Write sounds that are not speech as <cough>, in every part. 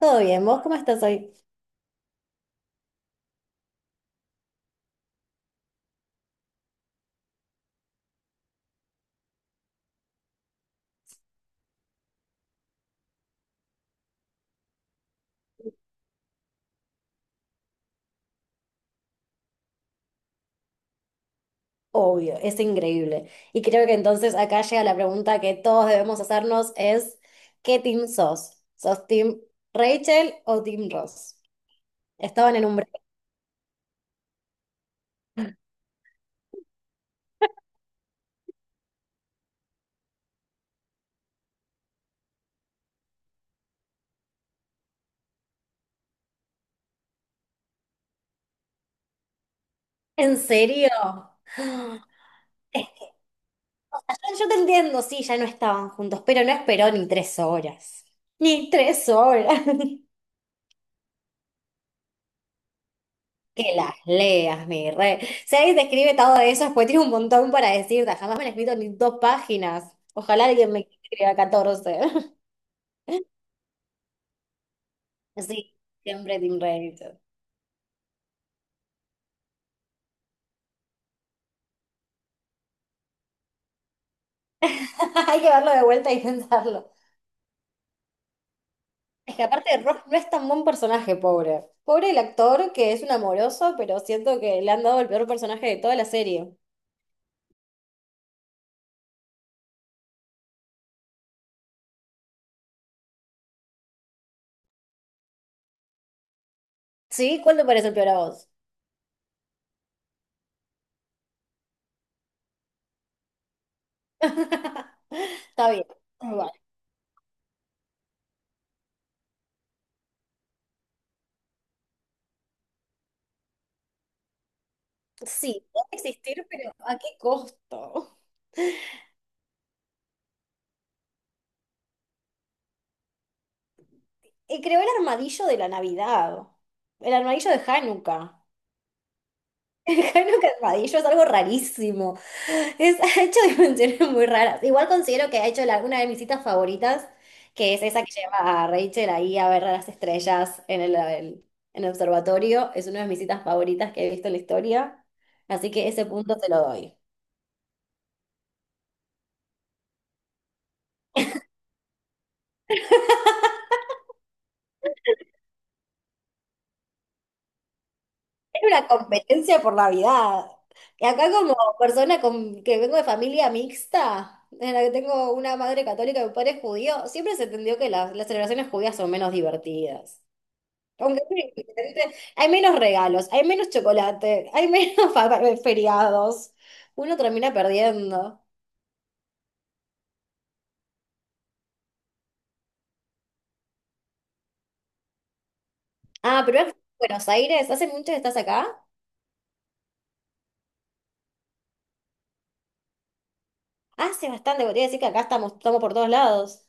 Todo bien, ¿vos cómo estás hoy? Obvio, es increíble. Y creo que entonces acá llega la pregunta que todos debemos hacernos es, ¿qué team sos? ¿Sos team Rachel o team Ross? Estaban en un break. ¿En serio? Es- o sea, yo te entiendo, sí, ya no estaban juntos, pero no esperó ni 3 horas. Ni tres horas. <laughs> Que las leas, mi rey. Si alguien te escribe todo eso, después tiene un montón para decirte. Jamás me han escrito ni dos páginas. Ojalá alguien me escriba 14. Sí, siempre Team Reddington. <laughs> Hay que verlo de vuelta y pensarlo. Es que aparte Ross no es tan buen personaje, pobre. Pobre el actor, que es un amoroso, pero siento que le han dado el peor personaje de toda la serie. ¿Sí? ¿Cuál te parece el peor a vos? <laughs> Está bien. Bueno, sí, puede existir, pero ¿a qué costo? Y creó el armadillo de la Navidad. El armadillo de Hanukkah. <laughs> Jano Carpadillo es algo rarísimo. <laughs> Ha hecho dimensiones muy raras. Igual considero que ha hecho una de mis citas favoritas, que es esa que lleva a Rachel ahí a ver a las estrellas en en el observatorio. Es una de mis citas favoritas que he visto en la historia. Así que ese punto te lo doy. Era una competencia por Navidad. Y acá como persona que vengo de familia mixta, en la que tengo una madre católica y un padre judío, siempre se entendió que las celebraciones judías son menos divertidas. Aunque sí, ¿viste?, hay menos regalos, hay menos chocolate, hay menos <laughs> feriados. Uno termina perdiendo. Ah, pero es Buenos Aires, ¿hace mucho que estás acá? Hace bastante, podría decir que acá estamos por todos lados.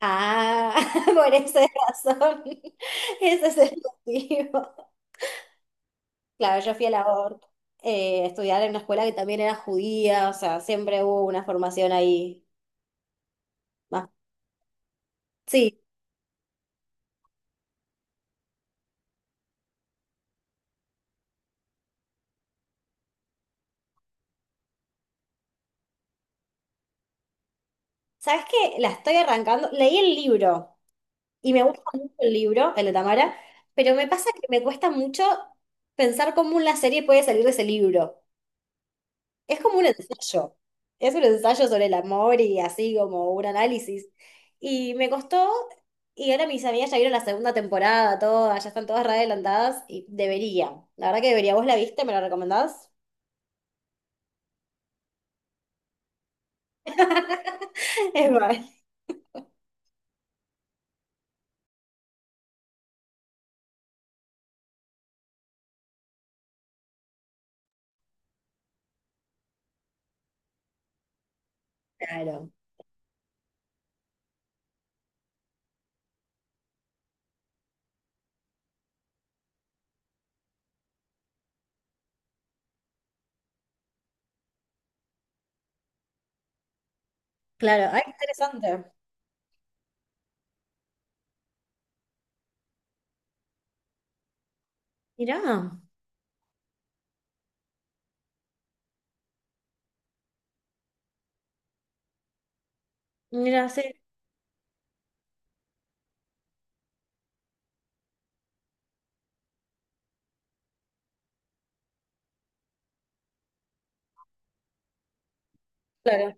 Ah, <laughs> por esa razón. <laughs> Ese es el motivo. Claro, yo fui a la ORT, a estudiar en una escuela que también era judía, o sea, siempre hubo una formación ahí. Más. Sí, ¿sabes qué? La estoy arrancando. Leí el libro. Y me gusta mucho el libro, el de Tamara, pero me pasa que me cuesta mucho pensar cómo una serie puede salir de ese libro. Es como un ensayo. Es un ensayo sobre el amor y así como un análisis. Y me costó, y ahora mis amigas ya vieron la segunda temporada, todas, ya están todas re adelantadas y deberían. La verdad que debería. ¿Vos la viste? ¿Me la recomendás? <laughs> Es verdad. Claro, claro. Ay, qué interesante. Mirá, mirá, sí. Claro.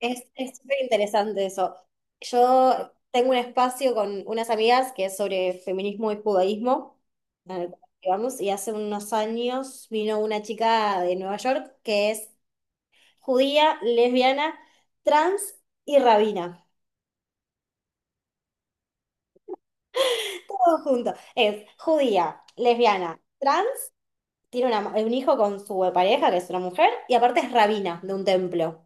Es súper interesante eso. Yo tengo un espacio con unas amigas que es sobre feminismo y judaísmo, en el cual vamos, y hace unos años vino una chica de Nueva York que es judía, lesbiana, trans y rabina. Todo junto. Es judía, lesbiana, trans, tiene un hijo con su pareja, que es una mujer, y aparte es rabina de un templo,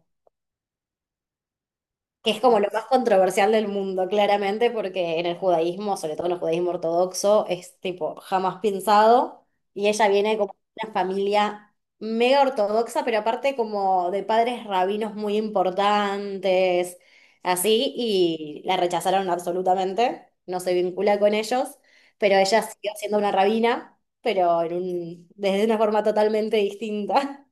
que es como lo más controversial del mundo, claramente, porque en el judaísmo, sobre todo en el judaísmo ortodoxo, es tipo jamás pensado, y ella viene como de una familia mega ortodoxa, pero aparte como de padres rabinos muy importantes, así, y la rechazaron absolutamente, no se vincula con ellos, pero ella siguió siendo una rabina, pero desde una forma totalmente distinta.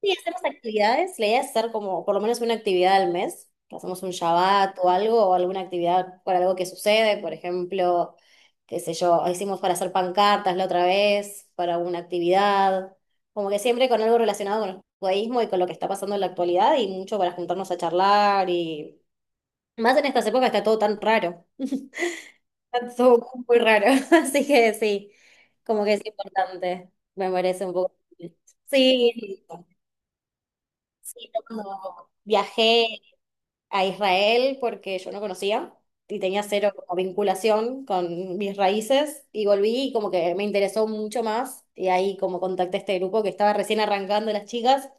Sí, hacer las actividades. La idea es hacer como por lo menos una actividad al mes. Hacemos un Shabbat o algo, o alguna actividad por algo que sucede. Por ejemplo, qué sé yo, hicimos para hacer pancartas la otra vez, para una actividad. Como que siempre con algo relacionado con el judaísmo y con lo que está pasando en la actualidad y mucho para juntarnos a charlar y. Más en estas épocas está todo tan raro. Está todo muy raro. <laughs> Así que sí, como que es importante. Me parece un poco. Sí, sí, yo cuando viajé a Israel porque yo no conocía y tenía cero como vinculación con mis raíces y volví y como que me interesó mucho más y ahí como contacté a este grupo que estaba recién arrancando las chicas,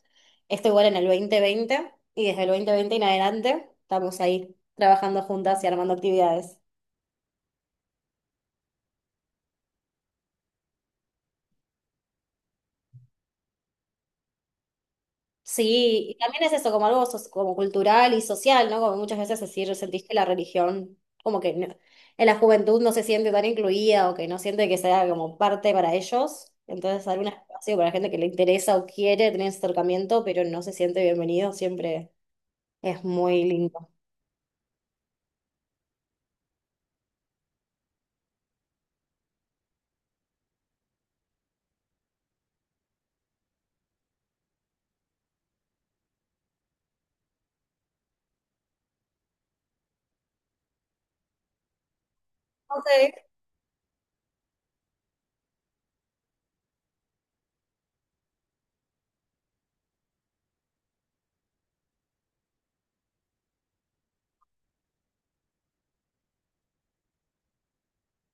esto igual en el 2020 y desde el 2020 en adelante estamos ahí trabajando juntas y armando actividades. Sí, y también es eso, como algo como cultural y social, ¿no? Como muchas veces decir, sentís que la religión, como que en la juventud no se siente tan incluida o que no siente que sea como parte para ellos. Entonces, algún espacio para la gente que le interesa o quiere tener ese acercamiento, pero no se siente bienvenido, siempre es muy lindo. Ok.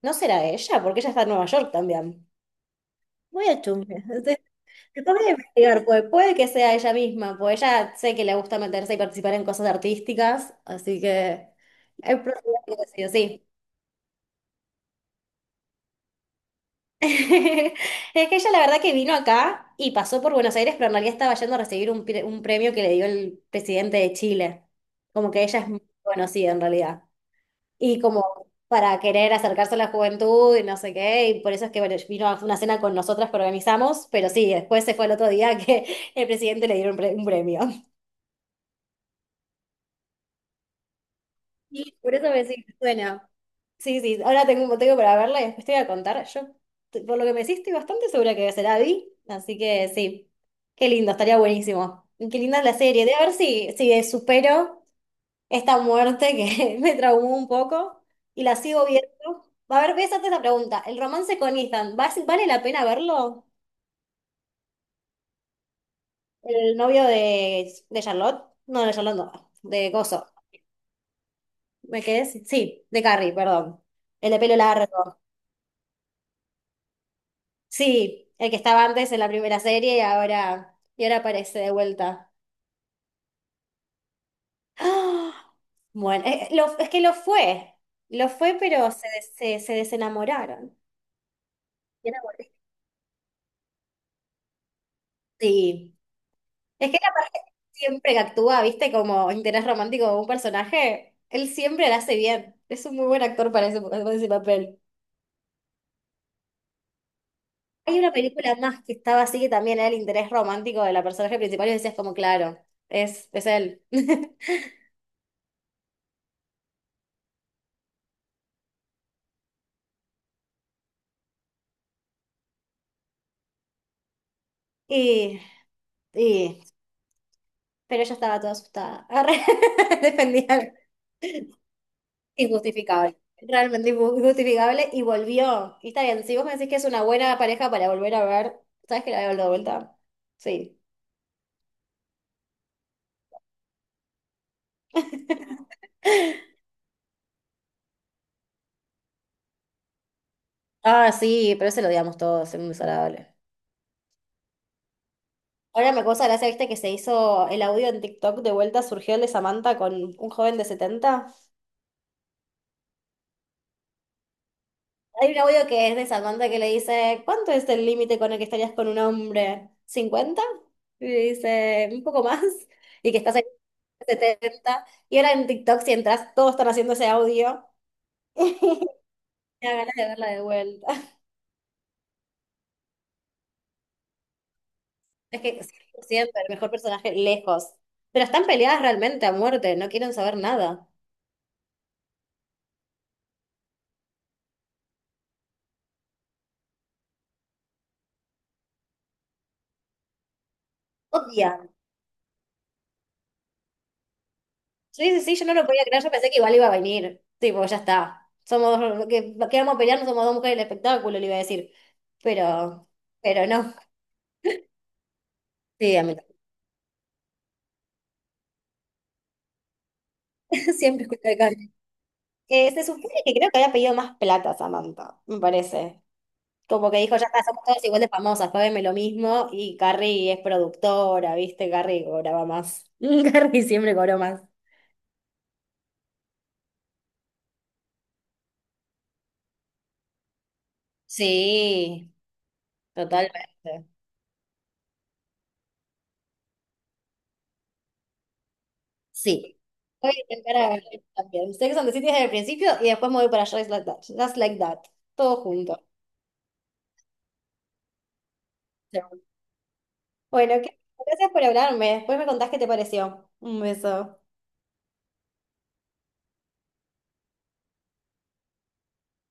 ¿No será ella? Porque ella está en Nueva York también. Voy a chusmear. Que tengo que investigar, pues puede que sea ella misma, pues ella sé que le gusta meterse y participar en cosas artísticas, así que es probable que sí, o sí. <laughs> Es que ella la verdad que vino acá y pasó por Buenos Aires, pero en realidad estaba yendo a recibir un premio que le dio el presidente de Chile. Como que ella es muy conocida en realidad. Y como para querer acercarse a la juventud y no sé qué, y por eso es que bueno, vino a una cena con nosotras que organizamos, pero sí, después se fue el otro día que el presidente le dieron un premio. Sí, por eso me decís, suena. Sí, sí, ahora tengo un motivo para verla y después te voy a contar. Por lo que me decís, estoy bastante segura que será vi, así que sí. Qué lindo, estaría buenísimo. Y qué linda es la serie. De a ver si supero esta muerte que <laughs> me traumó un poco y la sigo viendo. A ver, voy a hacerte la pregunta. ¿El romance con Ethan, vale la pena verlo? El novio de Charlotte. No, de Charlotte no, de Gozo. ¿Me quedé? Sí, de Carrie, perdón. El de pelo largo. Sí, el que estaba antes en la primera serie y ahora aparece de vuelta. ¡Ah! Bueno, es que lo fue, pero se desenamoraron. Y era bueno. Sí, es que la pareja siempre que actúa, viste, como interés romántico de un personaje, él siempre la hace bien. Es un muy buen actor para ese papel. Hay una película más que estaba así que también era el interés romántico de la personaje principal y decías como, claro, es él. <laughs> Y, y pero ella estaba toda asustada. Agarré, <laughs> defendí injustificable, realmente injustificable, y volvió. Y está bien, si vos me decís que es una buena pareja para volver a ver, ¿sabes que la veo de vuelta? Sí. Ah, sí, pero ese lo odiamos todos, es muy desagradable. Ahora me causa gracia, viste, que se hizo el audio en TikTok de vuelta, surgió el de Samantha con un joven de 70. Hay un audio que es de Samantha que le dice, ¿cuánto es el límite con el que estarías con un hombre? 50. Y le dice, un poco más. Y que estás en 70. Y ahora en TikTok, si entras, todos están haciendo ese audio. <laughs> Me da ganas de verla de vuelta. Es que 100%, el mejor personaje lejos. Pero están peleadas realmente a muerte, no quieren saber nada. Odia Sí, sí, sí, yo no lo podía creer, yo pensé que igual iba a venir. Tipo, ya está. Somos dos, que vamos a pelear, no somos dos mujeres del espectáculo, le iba a decir. Pero, pero no. Sí, a mí también. <laughs> Siempre escucho de Carmen. Se supone que creo que había pedido más plata Samantha, me parece. Como que dijo, ya está, somos todas igual de famosas, págame lo mismo. Y Carrie es productora, ¿viste? Carrie cobraba más. <laughs> Carrie siempre cobró más. Sí, totalmente. Sí. Voy a intentar a también. Sex and the City desde el principio y después me voy para Just Like That. Just Like That. Todo junto. Bueno, gracias por hablarme. Después me contás qué te pareció. Un beso.